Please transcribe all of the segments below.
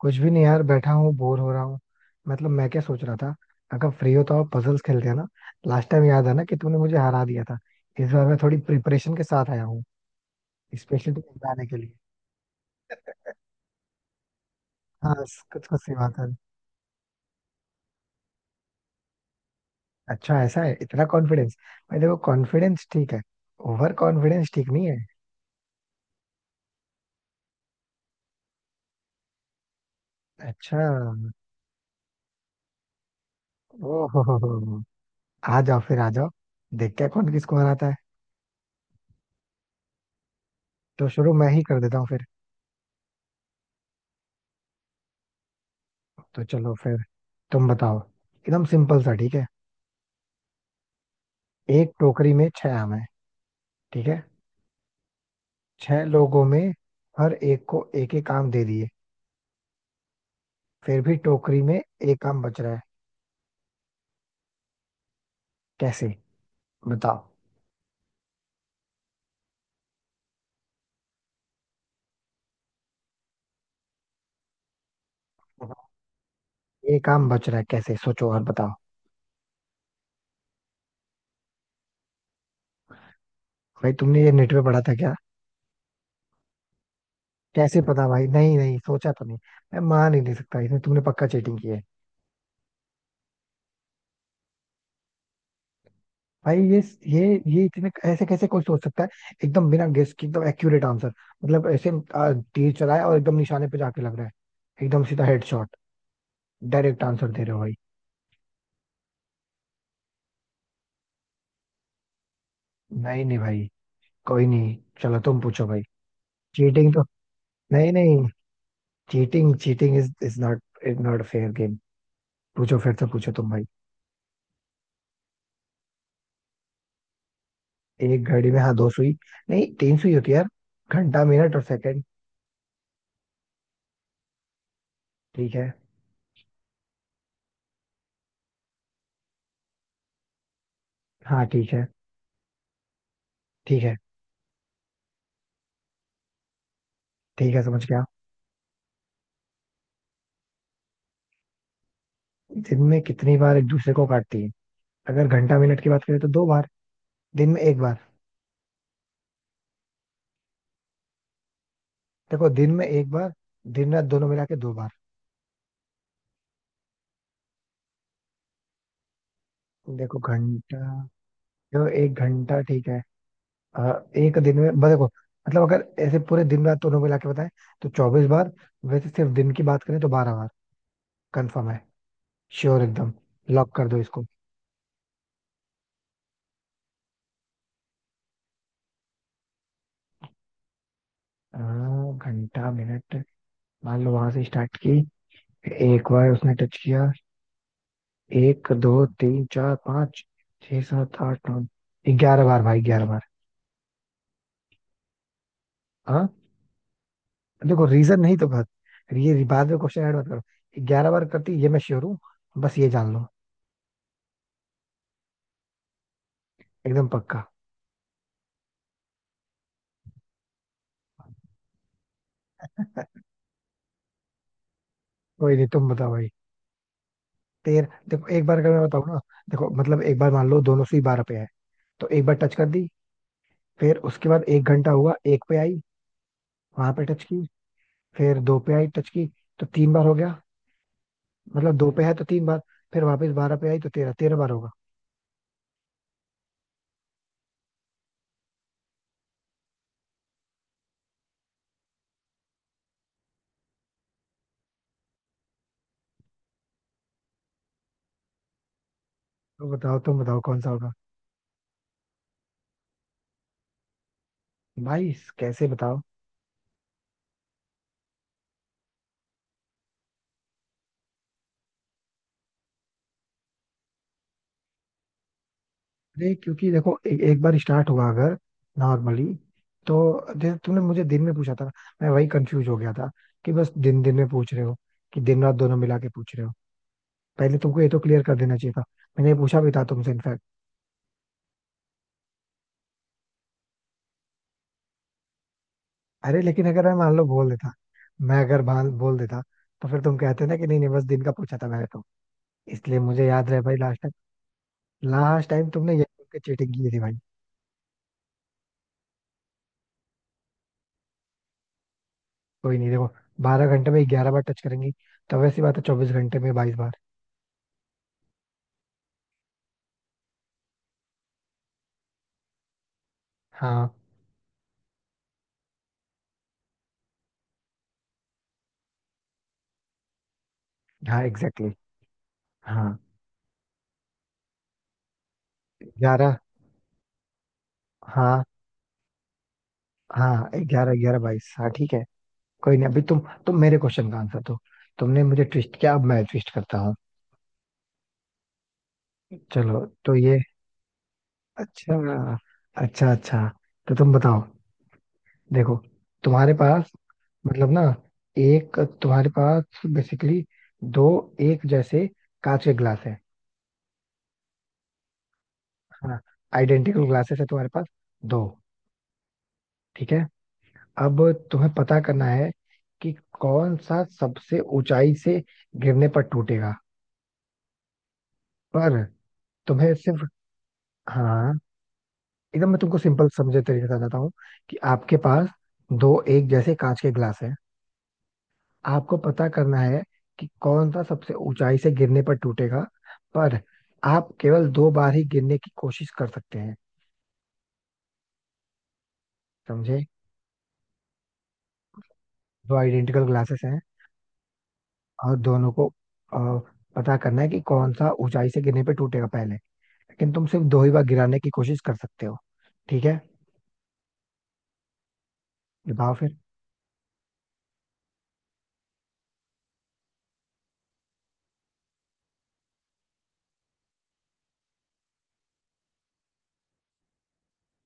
कुछ भी नहीं यार, बैठा हूँ बोर हो रहा हूँ। मतलब मैं क्या सोच रहा था, अगर फ्री हो तो? आप पजल्स खेलते हैं ना। लास्ट टाइम याद है ना, कि तुमने मुझे हरा दिया था। इस बार मैं थोड़ी प्रिपरेशन के साथ आया हूँ, स्पेशली तुम्हें हराने के लिए। हाँ। कुछ कुछ सी बात है। अच्छा, ऐसा है इतना कॉन्फिडेंस? भाई देखो, कॉन्फिडेंस ठीक है, ओवर कॉन्फिडेंस ठीक नहीं है। अच्छा। ओहो हो, हो। आ जाओ फिर, आ जाओ। देखते हैं कौन किसको हराता है। तो शुरू मैं ही कर देता हूँ फिर। तो चलो फिर, तुम बताओ। एकदम सिंपल सा, ठीक है। एक टोकरी में छह आम है, ठीक है? छह लोगों में हर एक को एक एक काम दे दिए, फिर भी टोकरी में एक काम बच रहा है। कैसे, बताओ? एक काम बच रहा है, कैसे? सोचो और बताओ। भाई तुमने ये नेट पे पढ़ा था क्या? कैसे पता भाई, नहीं नहीं सोचा तो नहीं। मैं मान ही नहीं सकता, इसमें तुमने पक्का चीटिंग की है भाई। ये ये इतने ऐसे कैसे कोई सोच सकता है, एकदम बिना गेस के एकदम एक्यूरेट आंसर। मतलब ऐसे तीर चलाया और एकदम निशाने पे जाके लग रहा है, एकदम सीधा हेडशॉट। डायरेक्ट आंसर दे रहे हो भाई। नहीं नहीं भाई, कोई नहीं, चलो तुम पूछो भाई। चीटिंग तो, नहीं नहीं, cheating cheating is is not, is not fair game. पूछो फिर, तो पूछो तुम भाई। एक घड़ी में, हाँ, दो सुई? नहीं, तीन सुई होती है यार, घंटा मिनट और सेकंड। ठीक है। हाँ ठीक है। ठीक है। ठीक है, समझ गया। दिन में कितनी बार एक दूसरे को काटती है? अगर घंटा मिनट की बात करें तो दो बार। दिन में एक बार। देखो दिन में एक बार, दिन रात दोनों मिला के दो बार। देखो घंटा, देखो एक घंटा, ठीक है। अ, एक दिन में मतलब देखो, मतलब अगर ऐसे पूरे दिन रात दोनों मिला के बताएं तो 24 बार। वैसे सिर्फ दिन की बात करें तो 12 बार। कंफर्म है, श्योर एकदम, लॉक कर दो इसको। अ, घंटा मिनट, मान लो वहां से स्टार्ट की, एक बार उसने टच किया। एक, दो, तीन, चार, पाँच, छह, सात, आठ, नौ, 11 बार भाई, 11 बार। हाँ। देखो रीजन नहीं, तो बस, ये बाद में क्वेश्चन ऐड मत करो। 11 बार करती ये, मैं श्योर हूँ, बस ये जान लो। एकदम पक्का। कोई नहीं, तुम बताओ। तेरह, देखो, एक बार अगर मैं बताऊं ना, देखो मतलब एक बार मान लो दोनों सुई बारह पे है, तो एक बार टच कर दी। फिर उसके बाद एक घंटा हुआ, एक पे आई, वहां पे टच की। फिर दो पे आई, टच की, तो तीन बार हो गया। मतलब दो पे है तो तीन बार। फिर वापस बारह पे आई, तो तेरह, तेरह बार होगा। तो बताओ, तुम बताओ कौन सा होगा। भाई, कैसे? बताओ। अरे क्योंकि देखो एक बार स्टार्ट हुआ अगर, नॉर्मली, तो जैसे तुमने मुझे दिन में पूछा था ना, मैं वही कंफ्यूज हो गया था कि बस दिन दिन में पूछ रहे हो कि दिन रात दोनों मिला के पूछ रहे हो। पहले तुमको ये तो क्लियर कर देना चाहिए था, मैंने ये पूछा भी था तुमसे इनफैक्ट। अरे लेकिन अगर मैं मान लो बोल देता, मैं अगर बाल बोल देता, तो फिर तुम कहते ना कि नहीं नहीं बस दिन का पूछा था मैंने तो। इसलिए मुझे याद रहे भाई, लास्ट टाइम, लास्ट टाइम तुमने ये बोल के चीटिंग की थी भाई। कोई नहीं, देखो, 12 घंटे में 11 बार टच करेंगी तो वैसी बात है, 24 घंटे में 22 बार। हाँ हाँ, एग्जैक्टली। हाँ। ग्यारह। हाँ हाँ, ग्यारह, ग्यारह बाईस, हाँ ठीक है। कोई नहीं, अभी तुम मेरे क्वेश्चन का आंसर दो। तुमने मुझे ट्विस्ट किया, अब मैं ट्विस्ट करता हूँ। चलो तो ये। अच्छा, अच्छा अच्छा, तो तुम बताओ। देखो तुम्हारे पास, मतलब ना, एक तुम्हारे पास बेसिकली, दो एक जैसे कांच के ग्लास है। हाँ। आइडेंटिकल ग्लासेस है तुम्हारे पास, दो। ठीक है, अब तुम्हें पता करना है कि कौन सा सबसे ऊंचाई से गिरने पर टूटेगा, पर तुम्हें सिर्फ, हाँ, एकदम मैं तुमको सिंपल समझे तरीके से बताता हूँ कि आपके पास दो एक जैसे कांच के ग्लास है। आपको पता करना है कि कौन सा सबसे ऊंचाई से गिरने पर टूटेगा, पर आप केवल दो बार ही गिरने की कोशिश कर सकते हैं। समझे? दो आइडेंटिकल ग्लासेस हैं, और दोनों को अ, पता करना है कि कौन सा ऊंचाई से गिरने पर टूटेगा पहले, लेकिन तुम सिर्फ दो ही बार गिराने की कोशिश कर सकते हो। ठीक है, बताओ फिर।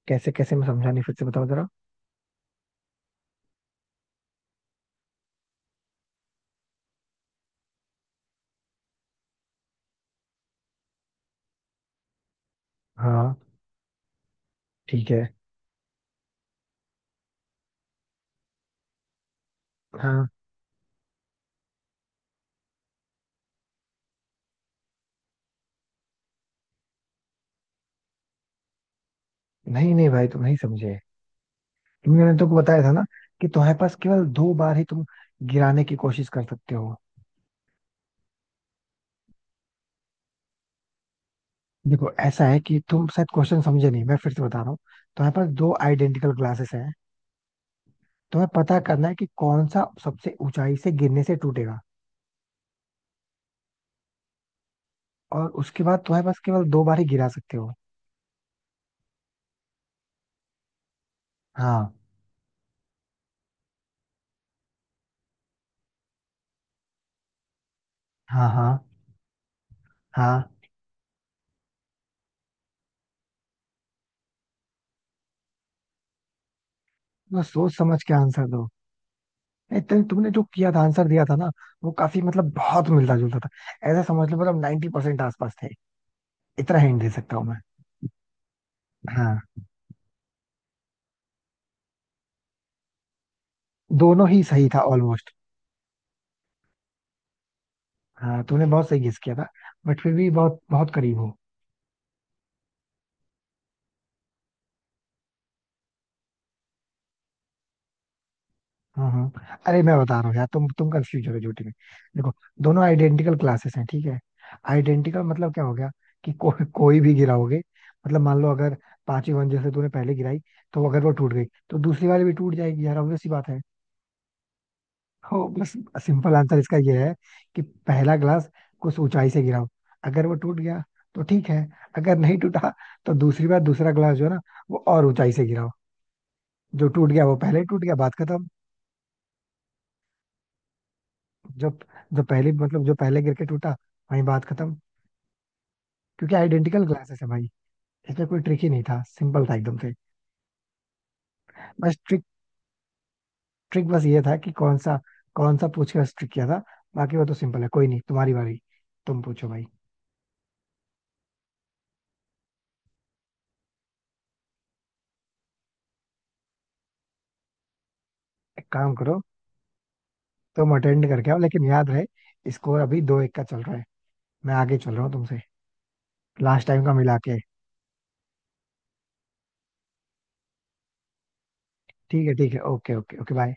कैसे कैसे, मैं समझा नहीं, फिर से बताओ जरा। हाँ ठीक है। हाँ। नहीं नहीं भाई तुम नहीं समझे, तुमने मैंने तुमको बताया था ना कि तुम्हारे पास केवल दो बार ही तुम गिराने की कोशिश कर सकते हो। देखो ऐसा है कि तुम शायद क्वेश्चन समझे नहीं, मैं फिर से बता रहा हूँ। तुम्हारे पास दो आइडेंटिकल ग्लासेस हैं, तुम्हें पता करना है कि कौन सा सबसे ऊंचाई से गिरने से टूटेगा, और उसके बाद तुम्हारे पास केवल दो बार ही गिरा सकते हो। हाँ हाँ हाँ हाँ। बस सोच समझ के आंसर दो। नहीं, तुमने जो किया था आंसर दिया था ना, वो काफी मतलब बहुत मिलता जुलता था। ऐसा समझ लो मतलब 90% परसेंट आसपास थे, इतना हिंट दे सकता हूँ मैं। हाँ। दोनों ही सही था ऑलमोस्ट। हाँ, तुमने बहुत सही गेस किया था, बट फिर भी बहुत बहुत करीब हो। हाँ हाँ, अरे मैं बता रहा हूँ यार, तुम कंफ्यूज हो गए झूठे में। देखो, दोनों आइडेंटिकल क्लासेस हैं, ठीक है? आइडेंटिकल मतलब क्या हो गया कि कोई भी गिराओगे, मतलब मान लो अगर पांचवी मंजिल से तूने पहले गिराई, तो अगर वो टूट गई तो दूसरी वाली भी टूट जाएगी यार, obvious सी बात है। हो बस। सिंपल आंसर इसका ये है कि पहला ग्लास कुछ ऊंचाई से गिराओ, अगर वो टूट गया तो ठीक है। अगर नहीं टूटा तो दूसरी बार दूसरा ग्लास जो है ना, वो और ऊंचाई से गिराओ। जो टूट गया वो पहले ही टूट गया, बात खत्म। जो, जो पहली मतलब जो पहले गिर के टूटा, वही, बात खत्म। क्योंकि आइडेंटिकल ग्लासेस है भाई, इसमें कोई ट्रिक ही नहीं था, सिंपल था एकदम से। बस ट्रिक, ट्रिक बस ये था कि कौन सा, कौन सा पूछ के बस ट्रिक किया था। बाकी वो तो सिंपल है। कोई नहीं, तुम्हारी बारी, तुम पूछो भाई। एक काम करो, तुम अटेंड करके आओ, लेकिन याद रहे स्कोर अभी 2-1 का चल रहा है, मैं आगे चल रहा हूँ तुमसे, लास्ट टाइम का मिला के। ठीक है ठीक है, ओके ओके ओके, बाय।